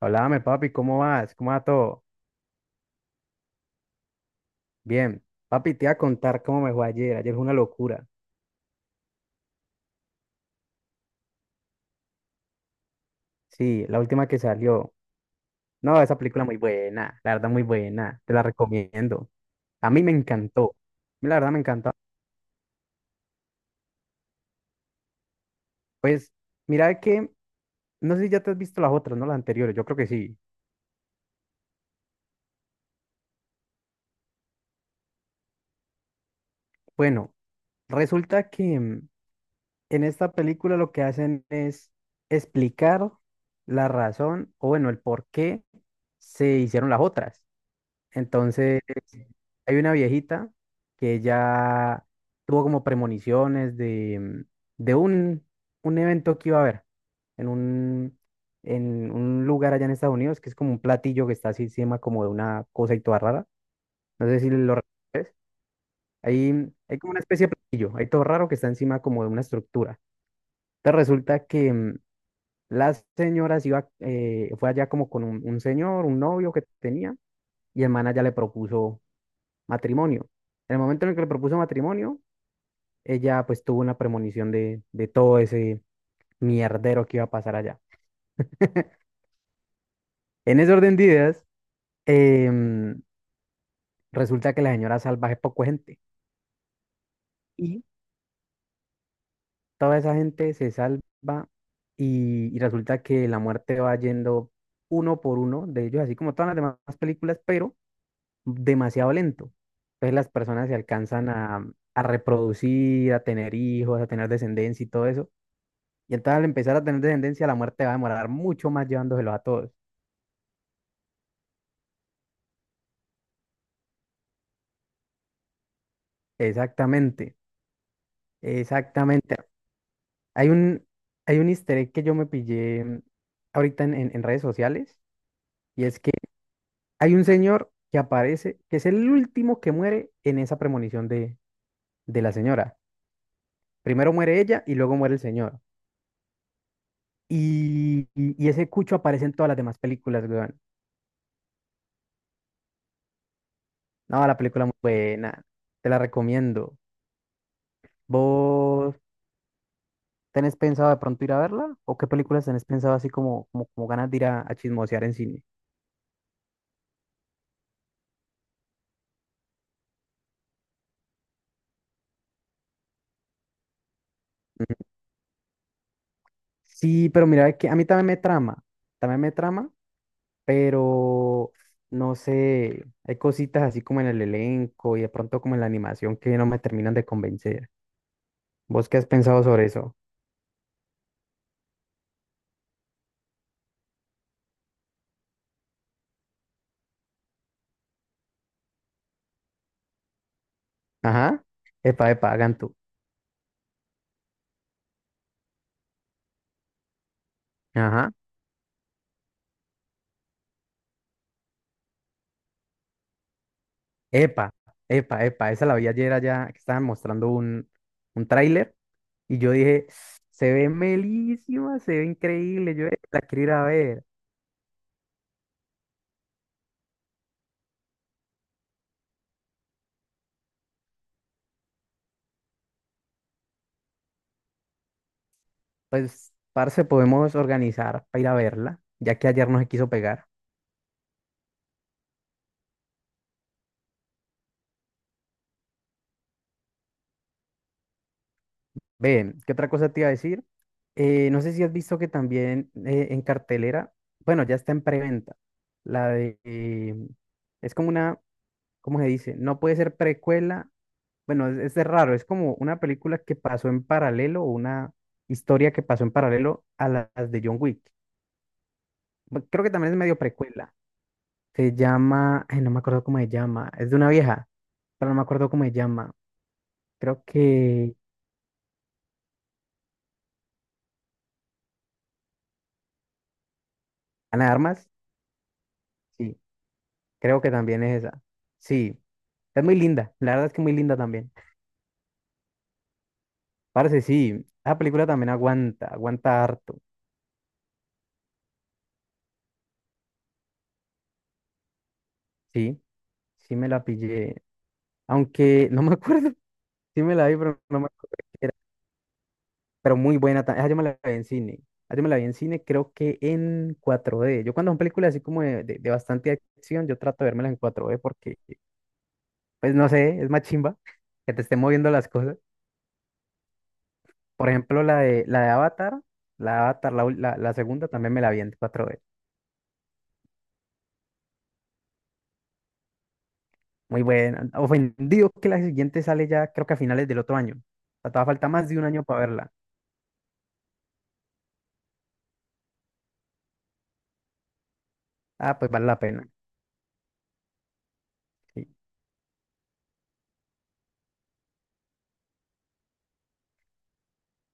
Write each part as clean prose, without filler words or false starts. Háblame, papi, ¿cómo vas? ¿Cómo va todo? Bien. Papi, te iba a contar cómo me fue ayer. Ayer fue una locura. Sí, la última que salió. No, esa película muy buena, la verdad muy buena. Te la recomiendo. A mí me encantó. La verdad me encantó. Pues, mira que, no sé si ya te has visto las otras, ¿no? Las anteriores, yo creo que sí. Bueno, resulta que en esta película lo que hacen es explicar la razón, o bueno, el por qué se hicieron las otras. Entonces, hay una viejita que ya tuvo como premoniciones de, de un evento que iba a haber en en un lugar allá en Estados Unidos, que es como un platillo que está así encima como de una cosa y toda rara. No sé si lo reconoces. Hay como una especie de platillo, hay todo raro que está encima como de una estructura. Entonces resulta que la señora se iba, fue allá como con un señor, un novio que tenía, y el man ya le propuso matrimonio. En el momento en el que le propuso matrimonio, ella pues tuvo una premonición de todo ese mierdero que iba a pasar allá. En ese orden de ideas, em, resulta que la señora salva es poco gente y toda esa gente se salva y resulta que la muerte va yendo uno por uno de ellos, así como todas las demás películas, pero demasiado lento. Entonces las personas se alcanzan a reproducir, a tener hijos, a tener descendencia y todo eso. Y entonces al empezar a tener descendencia, la muerte va a demorar mucho más llevándoselos a todos. Exactamente, exactamente. Hay hay un easter egg que yo me pillé ahorita en redes sociales, y es que hay un señor que aparece, que es el último que muere en esa premonición de la señora. Primero muere ella y luego muere el señor. Y, y ese cucho aparece en todas las demás películas, weón. No, la película muy buena, te la recomiendo. Vos ¿tenés pensado de pronto ir a verla? ¿O qué películas tenés pensado así como ganas de ir a chismosear en cine? Sí, pero mira, que a mí también me trama, pero no sé, hay cositas así como en el elenco y de pronto como en la animación que no me terminan de convencer. ¿Vos qué has pensado sobre eso? Ajá, epa, epa, hagan tú. Ajá. Epa, epa, epa, esa la vi ayer allá que estaban mostrando un tráiler y yo dije, se ve melísima, se ve increíble, yo la quiero ir a ver. Pues, parce, podemos organizar para ir a verla, ya que ayer no se quiso pegar. Ven, ¿qué otra cosa te iba a decir? No sé si has visto que también en cartelera, bueno, ya está en preventa, la de, eh, es como una, ¿cómo se dice? No puede ser precuela. Bueno, es de raro, es como una película que pasó en paralelo, una historia que pasó en paralelo a las de John Wick. Creo que también es medio precuela. Se llama, ay, no me acuerdo cómo se llama, es de una vieja, pero no me acuerdo cómo se llama. Creo que Ana de Armas, sí, creo que también es esa. Sí, es muy linda, la verdad es que muy linda también. Parece, sí, la película también aguanta, aguanta harto. Sí, sí me la pillé, aunque no me acuerdo, sí me la vi, pero no me acuerdo. Pero muy buena. Esa yo me la vi en cine. Esa yo me la vi en cine, creo que en cuatro d. Yo cuando son películas así como de bastante acción, yo trato de vérmelas en cuatro d porque, pues no sé, es más chimba que te esté moviendo las cosas. Por ejemplo, la de Avatar, la de Avatar, la segunda también me la vi en cuatro d. Muy buena. Ofendido que la siguiente sale ya, creo que a finales del otro año. O sea, todavía falta más de un año para verla. Ah, pues vale la pena. Sí.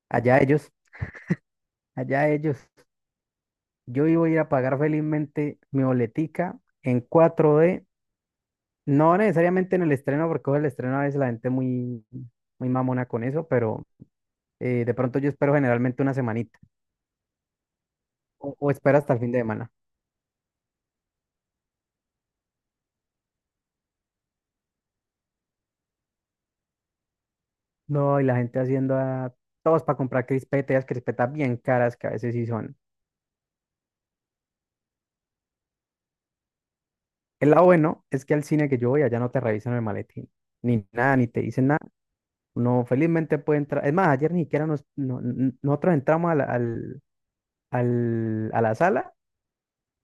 Allá ellos, allá ellos. Yo iba a ir a pagar felizmente mi boletica en 4D, no necesariamente en el estreno, porque el estreno a veces la gente muy, muy mamona con eso, pero de pronto yo espero generalmente una semanita o espero hasta el fin de semana. No, y la gente haciendo a todos para comprar crispetas, crispetas bien caras que a veces sí son. El lado bueno es que al cine que yo voy allá no te revisan el maletín, ni nada, ni te dicen nada. No, felizmente puede entrar. Es más, ayer ni siquiera nosotros entramos a a la sala.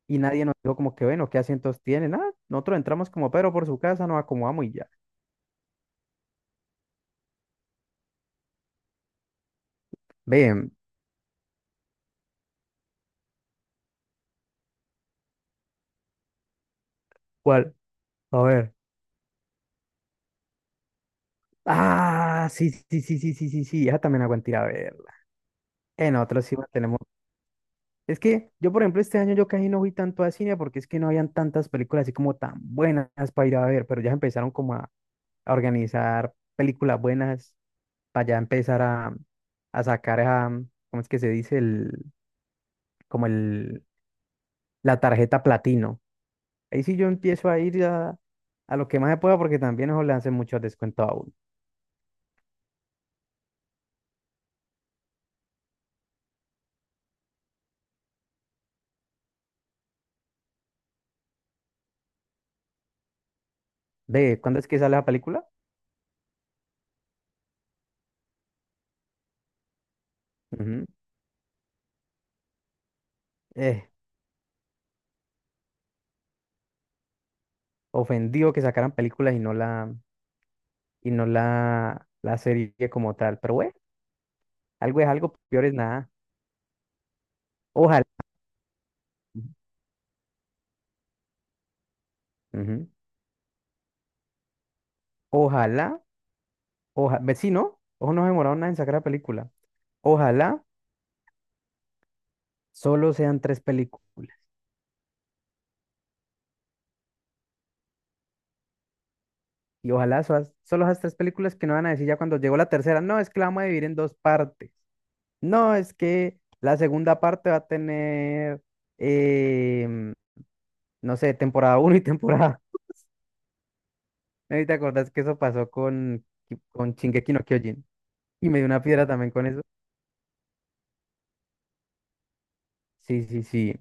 Y nadie nos dijo como que, bueno, ¿qué asientos tienen? Ah, nosotros entramos como pero por su casa, nos acomodamos y ya. Ven, ¿cuál? A ver. Ah, sí, sí, sí, sí, sí, sí, sí, esa también aguanté a ver. En otros sí tenemos. Es que yo, por ejemplo, este año yo casi no fui tanto a cine porque es que no habían tantas películas así como tan buenas para ir a ver, pero ya empezaron como a organizar películas buenas para ya empezar a sacar ¿cómo es que se dice? Como el, la tarjeta platino. Ahí sí yo empiezo a ir a lo que más se pueda porque también eso le hacen muchos descuentos a uno. ¿De cuándo es que sale la película? Ujú. Eh, Ofendido que sacaran películas y no y no la, la serie como tal. Pero bueno, algo es algo, peor es nada. Ojalá. Ujú. Ojalá, ojalá, ve, sí, ¿no? Ojo, no se demoraron nada en sacar la película. Ojalá solo sean tres películas. Y ojalá solo esas tres películas que no van a decir ya cuando llegó la tercera, no, es que la vamos a dividir en dos partes. No, es que la segunda parte va a tener, em, no sé, temporada uno y temporada. ¿No te acordás que eso pasó con, con Shingeki no Kyojin? Y me dio una piedra también con eso. Sí, sí, sí.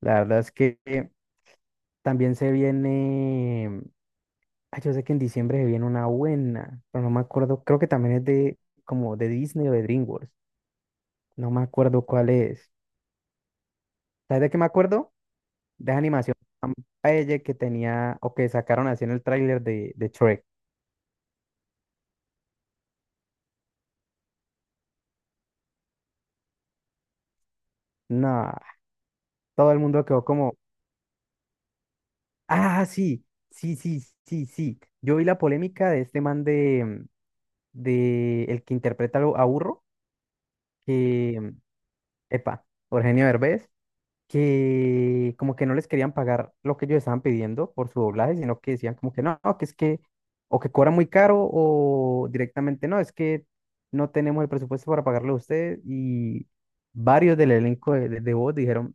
La verdad es que también se viene. Ay, yo sé que en diciembre se viene una buena, pero no me acuerdo. Creo que también es de como de Disney o de DreamWorks. No me acuerdo cuál es. ¿Sabes de qué me acuerdo? De esa animación tan bella que tenía o que sacaron así en el tráiler de Shrek. No, todo el mundo quedó como, ah, sí, sí, sí, sí, sí. Yo vi la polémica de este man de el que interpreta a a Burro, que, epa, Eugenio Derbez, que como que no les querían pagar lo que ellos estaban pidiendo por su doblaje, sino que decían como que no, no, que es que, o que cobra muy caro, o directamente no, es que no tenemos el presupuesto para pagarle a usted. Y varios del elenco de de voz dijeron,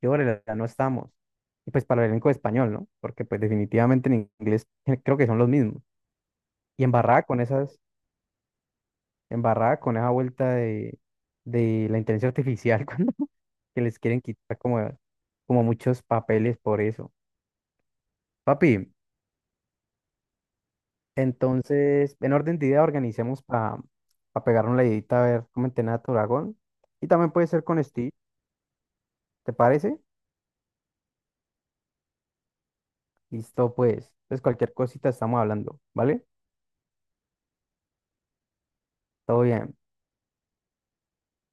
y órale, ya no estamos. Y pues para el elenco de español, ¿no? Porque pues definitivamente en inglés creo que son los mismos. Y embarrada con esas, embarrada con esa vuelta de la inteligencia artificial, cuando que les quieren quitar como, como muchos papeles por eso. Papi, entonces, en orden de idea, organicemos para pegar una leidita a ver cómo entrena a tu dragón. Y también puede ser con Steve, ¿te parece? Listo, pues. Entonces, cualquier cosita estamos hablando, ¿vale? Todo bien.